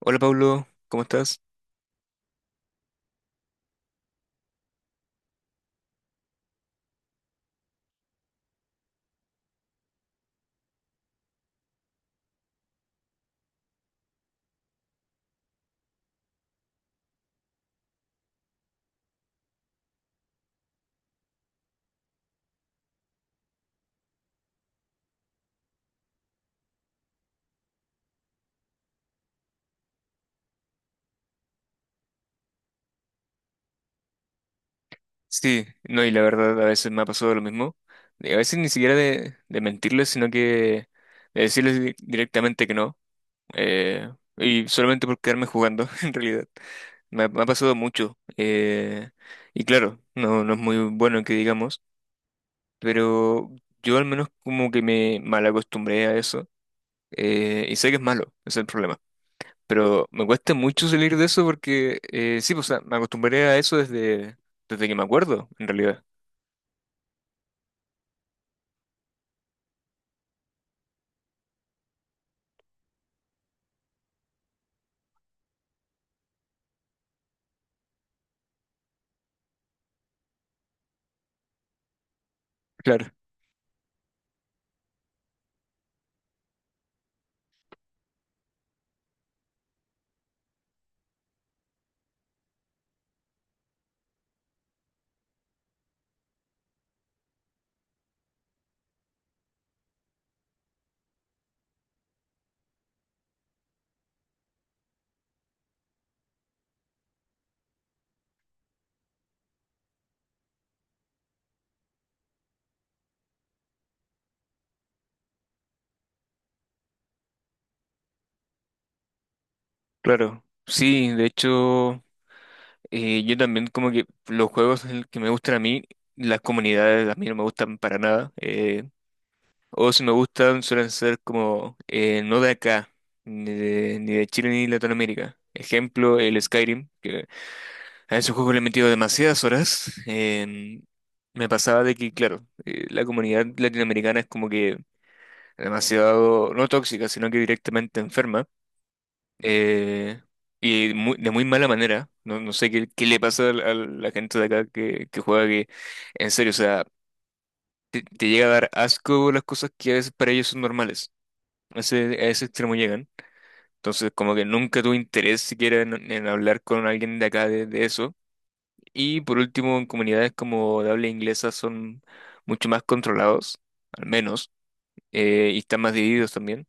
Hola Pablo, ¿cómo estás? Sí, no, y la verdad a veces me ha pasado lo mismo. Y a veces ni siquiera de mentirles, sino que de decirles directamente que no. eh, y solamente por quedarme jugando, en realidad. Me ha pasado mucho. Y claro, no, no es muy bueno que digamos, pero yo al menos como que me mal acostumbré a eso. Y sé que es malo, ese es el problema. Pero me cuesta mucho salir de eso porque sí, pues, o sea, me acostumbré a eso desde, desde que me acuerdo, en realidad. Claro, claro. Sí, de hecho, yo también como que los juegos el que me gustan a mí, las comunidades a mí no me gustan para nada. O si me gustan suelen ser como no de acá, ni de Chile ni Latinoamérica. Ejemplo, el Skyrim, que a ese juego le he metido demasiadas horas. Me pasaba de que, claro, la comunidad latinoamericana es como que demasiado, no tóxica, sino que directamente enferma. eh, y de muy mala manera. No, no sé qué, qué le pasa a la gente de acá que juega que, en serio, o sea, te llega a dar asco las cosas que a veces para ellos son normales. A ese extremo llegan. Entonces, como que nunca tuve interés siquiera en hablar con alguien de acá de eso. Y por último, en comunidades como de habla inglesa son mucho más controlados, al menos, y están más divididos también.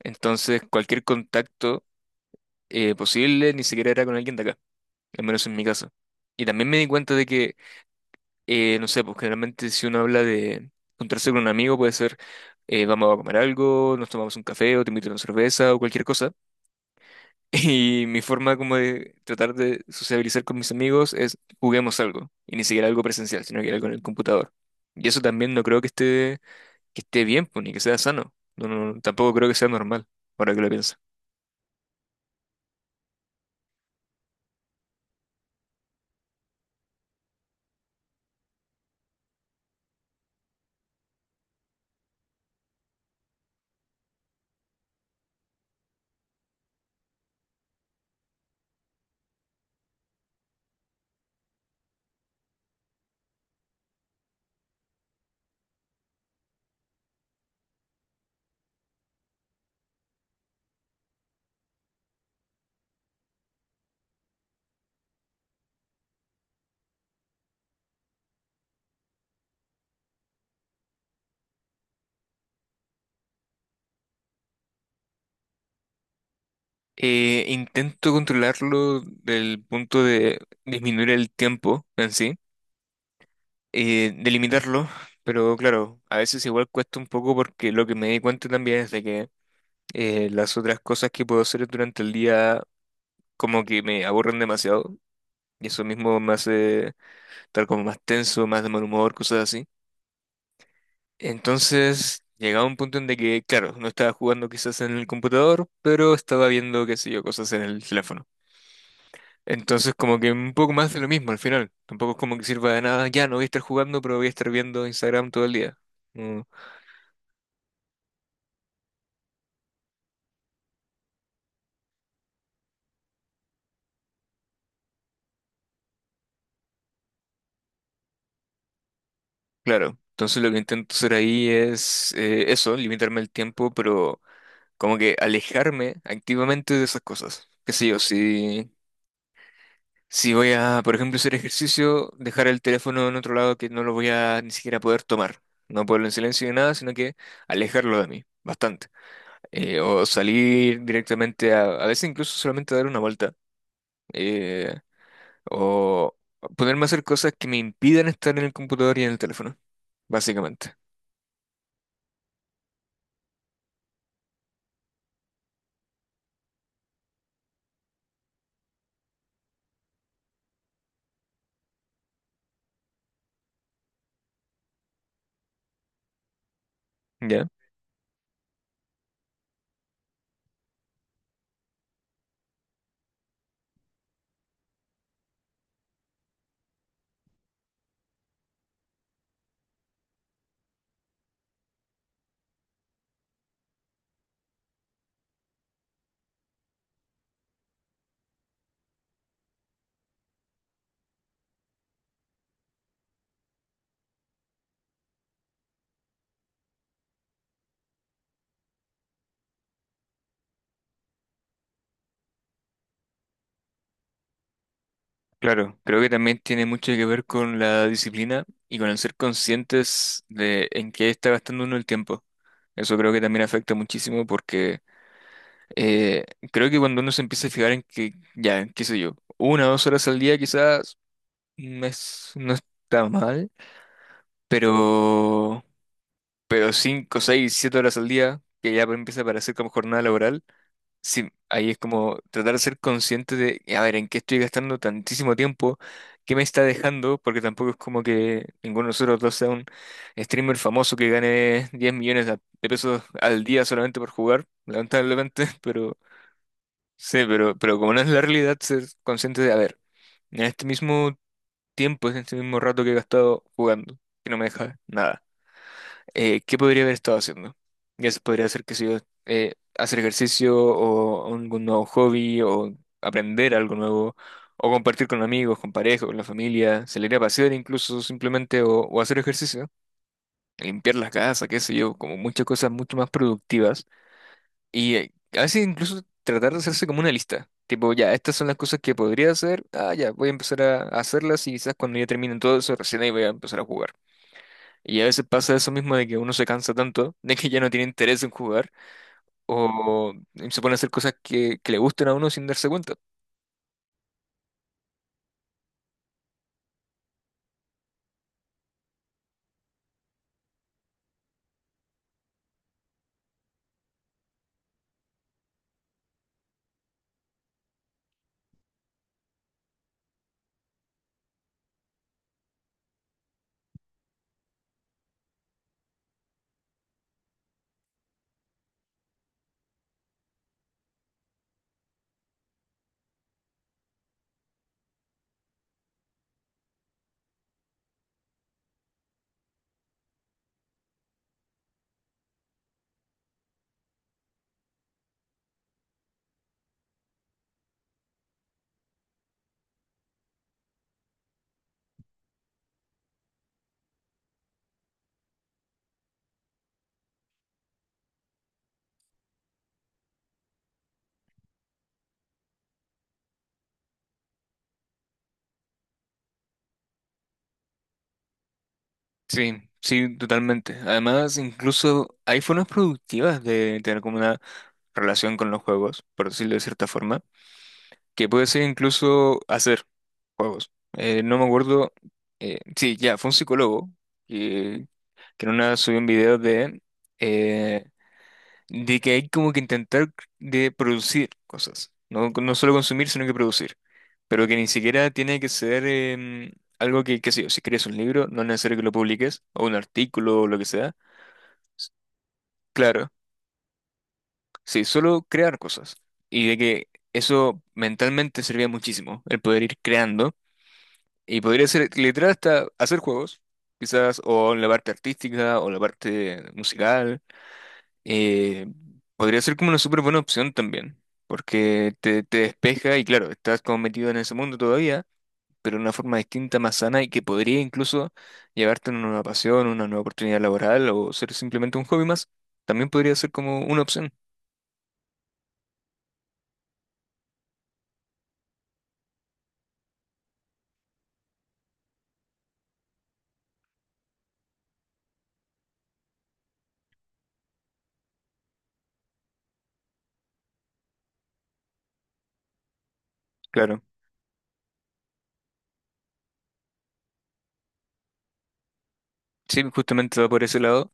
Entonces, cualquier contacto posible ni siquiera era con alguien de acá, al menos en mi caso. Y también me di cuenta de que, no sé, pues generalmente si uno habla de juntarse con un amigo puede ser, vamos a comer algo, nos tomamos un café o te invito a una cerveza o cualquier cosa. Y mi forma como de tratar de sociabilizar con mis amigos es juguemos algo. Y ni siquiera algo presencial, sino que algo en el computador. Y eso también no creo que esté bien, pues, ni que sea sano. No, no, no, tampoco creo que sea normal, ahora que lo pienso. Intento controlarlo del punto de disminuir el tiempo en sí, de limitarlo, pero claro, a veces igual cuesta un poco porque lo que me di cuenta también es de que las otras cosas que puedo hacer durante el día como que me aburren demasiado. Y eso mismo me hace estar como más tenso, más de mal humor, cosas así. Entonces, llegaba un punto en de que, claro, no estaba jugando quizás en el computador, pero estaba viendo, qué sé yo, cosas en el teléfono. Entonces, como que un poco más de lo mismo al final. Tampoco es como que sirva de nada, ya no voy a estar jugando, pero voy a estar viendo Instagram todo el día. Mm, claro. Entonces, lo que intento hacer ahí es eso, limitarme el tiempo, pero como que alejarme activamente de esas cosas. Qué sé yo, si. Si voy a, por ejemplo, hacer ejercicio, dejar el teléfono en otro lado que no lo voy a ni siquiera poder tomar. No ponerlo en silencio ni nada, sino que alejarlo de mí, bastante. O salir directamente a veces incluso solamente dar una vuelta. eh, o ponerme a hacer cosas que me impidan estar en el computador y en el teléfono, básicamente. ¿Ya? Claro, creo que también tiene mucho que ver con la disciplina y con el ser conscientes de en qué está gastando uno el tiempo. Eso creo que también afecta muchísimo porque Eh, creo que cuando uno se empieza a fijar en que, ya, qué sé yo, 1 o 2 horas al día quizás no está mal, pero, pero 5, 6, 7 horas al día, que ya empieza a parecer como jornada laboral, sí, ahí es como tratar de ser consciente de, a ver, en qué estoy gastando tantísimo tiempo, qué me está dejando, porque tampoco es como que ninguno de nosotros dos sea un streamer famoso que gane 10 millones de pesos al día solamente por jugar, lamentablemente, pero... Sí, pero como no es la realidad, ser consciente de, a ver, en este mismo tiempo, en este mismo rato que he gastado jugando, que no me deja nada, ¿qué podría haber estado haciendo? Ya se podría hacer, que sé yo, hacer ejercicio o algún nuevo hobby o aprender algo nuevo o compartir con amigos, con pareja, con la familia, salir a pasear incluso simplemente o hacer ejercicio, limpiar la casa, qué sé yo, como muchas cosas mucho más productivas y a veces incluso tratar de hacerse como una lista. Tipo, ya, estas son las cosas que podría hacer. Ah, ya, voy a empezar a hacerlas y quizás cuando ya terminen todo eso, recién ahí voy a empezar a jugar. Y a veces pasa eso mismo de que uno se cansa tanto, de que ya no tiene interés en jugar, o se pone a hacer cosas que le gusten a uno sin darse cuenta. Sí, sí, totalmente. Además, incluso hay formas productivas de tener como una relación con los juegos, por decirlo de cierta forma, que puede ser incluso hacer juegos. No me acuerdo, sí, ya, fue un psicólogo que, que en una subió un video eh, de que hay como que intentar de producir cosas, no, no solo consumir, sino que producir, pero que ni siquiera tiene que ser algo que, qué sé yo, si crees un libro, no es necesario que lo publiques, o un artículo o lo que sea, claro, sí, solo crear cosas, y de que eso mentalmente servía muchísimo, el poder ir creando. Y podría ser literal hasta hacer juegos, quizás, o en la parte artística, o la parte musical. Eh, podría ser como una súper buena opción también, porque te despeja y claro, estás como metido en ese mundo todavía, pero de una forma distinta, más sana y que podría incluso llevarte a una nueva pasión, una nueva oportunidad laboral o ser simplemente un hobby más. También podría ser como una opción, claro. Sí, justamente va por ese lado.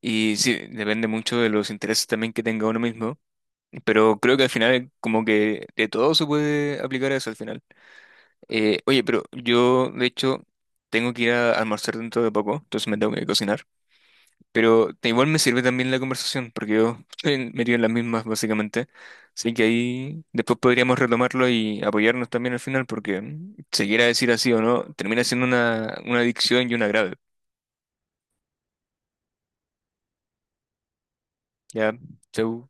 Y sí, depende mucho de los intereses también que tenga uno mismo. Pero creo que al final, como que de todo se puede aplicar a eso al final. Oye, pero yo, de hecho, tengo que ir a almorzar dentro de poco, entonces me tengo que cocinar. Pero igual me sirve también la conversación, porque yo estoy metido en las mismas, básicamente. Así que ahí después podríamos retomarlo y apoyarnos también al final, porque mm, se quiera decir así o no, termina siendo una adicción y una grave. Ya, chau.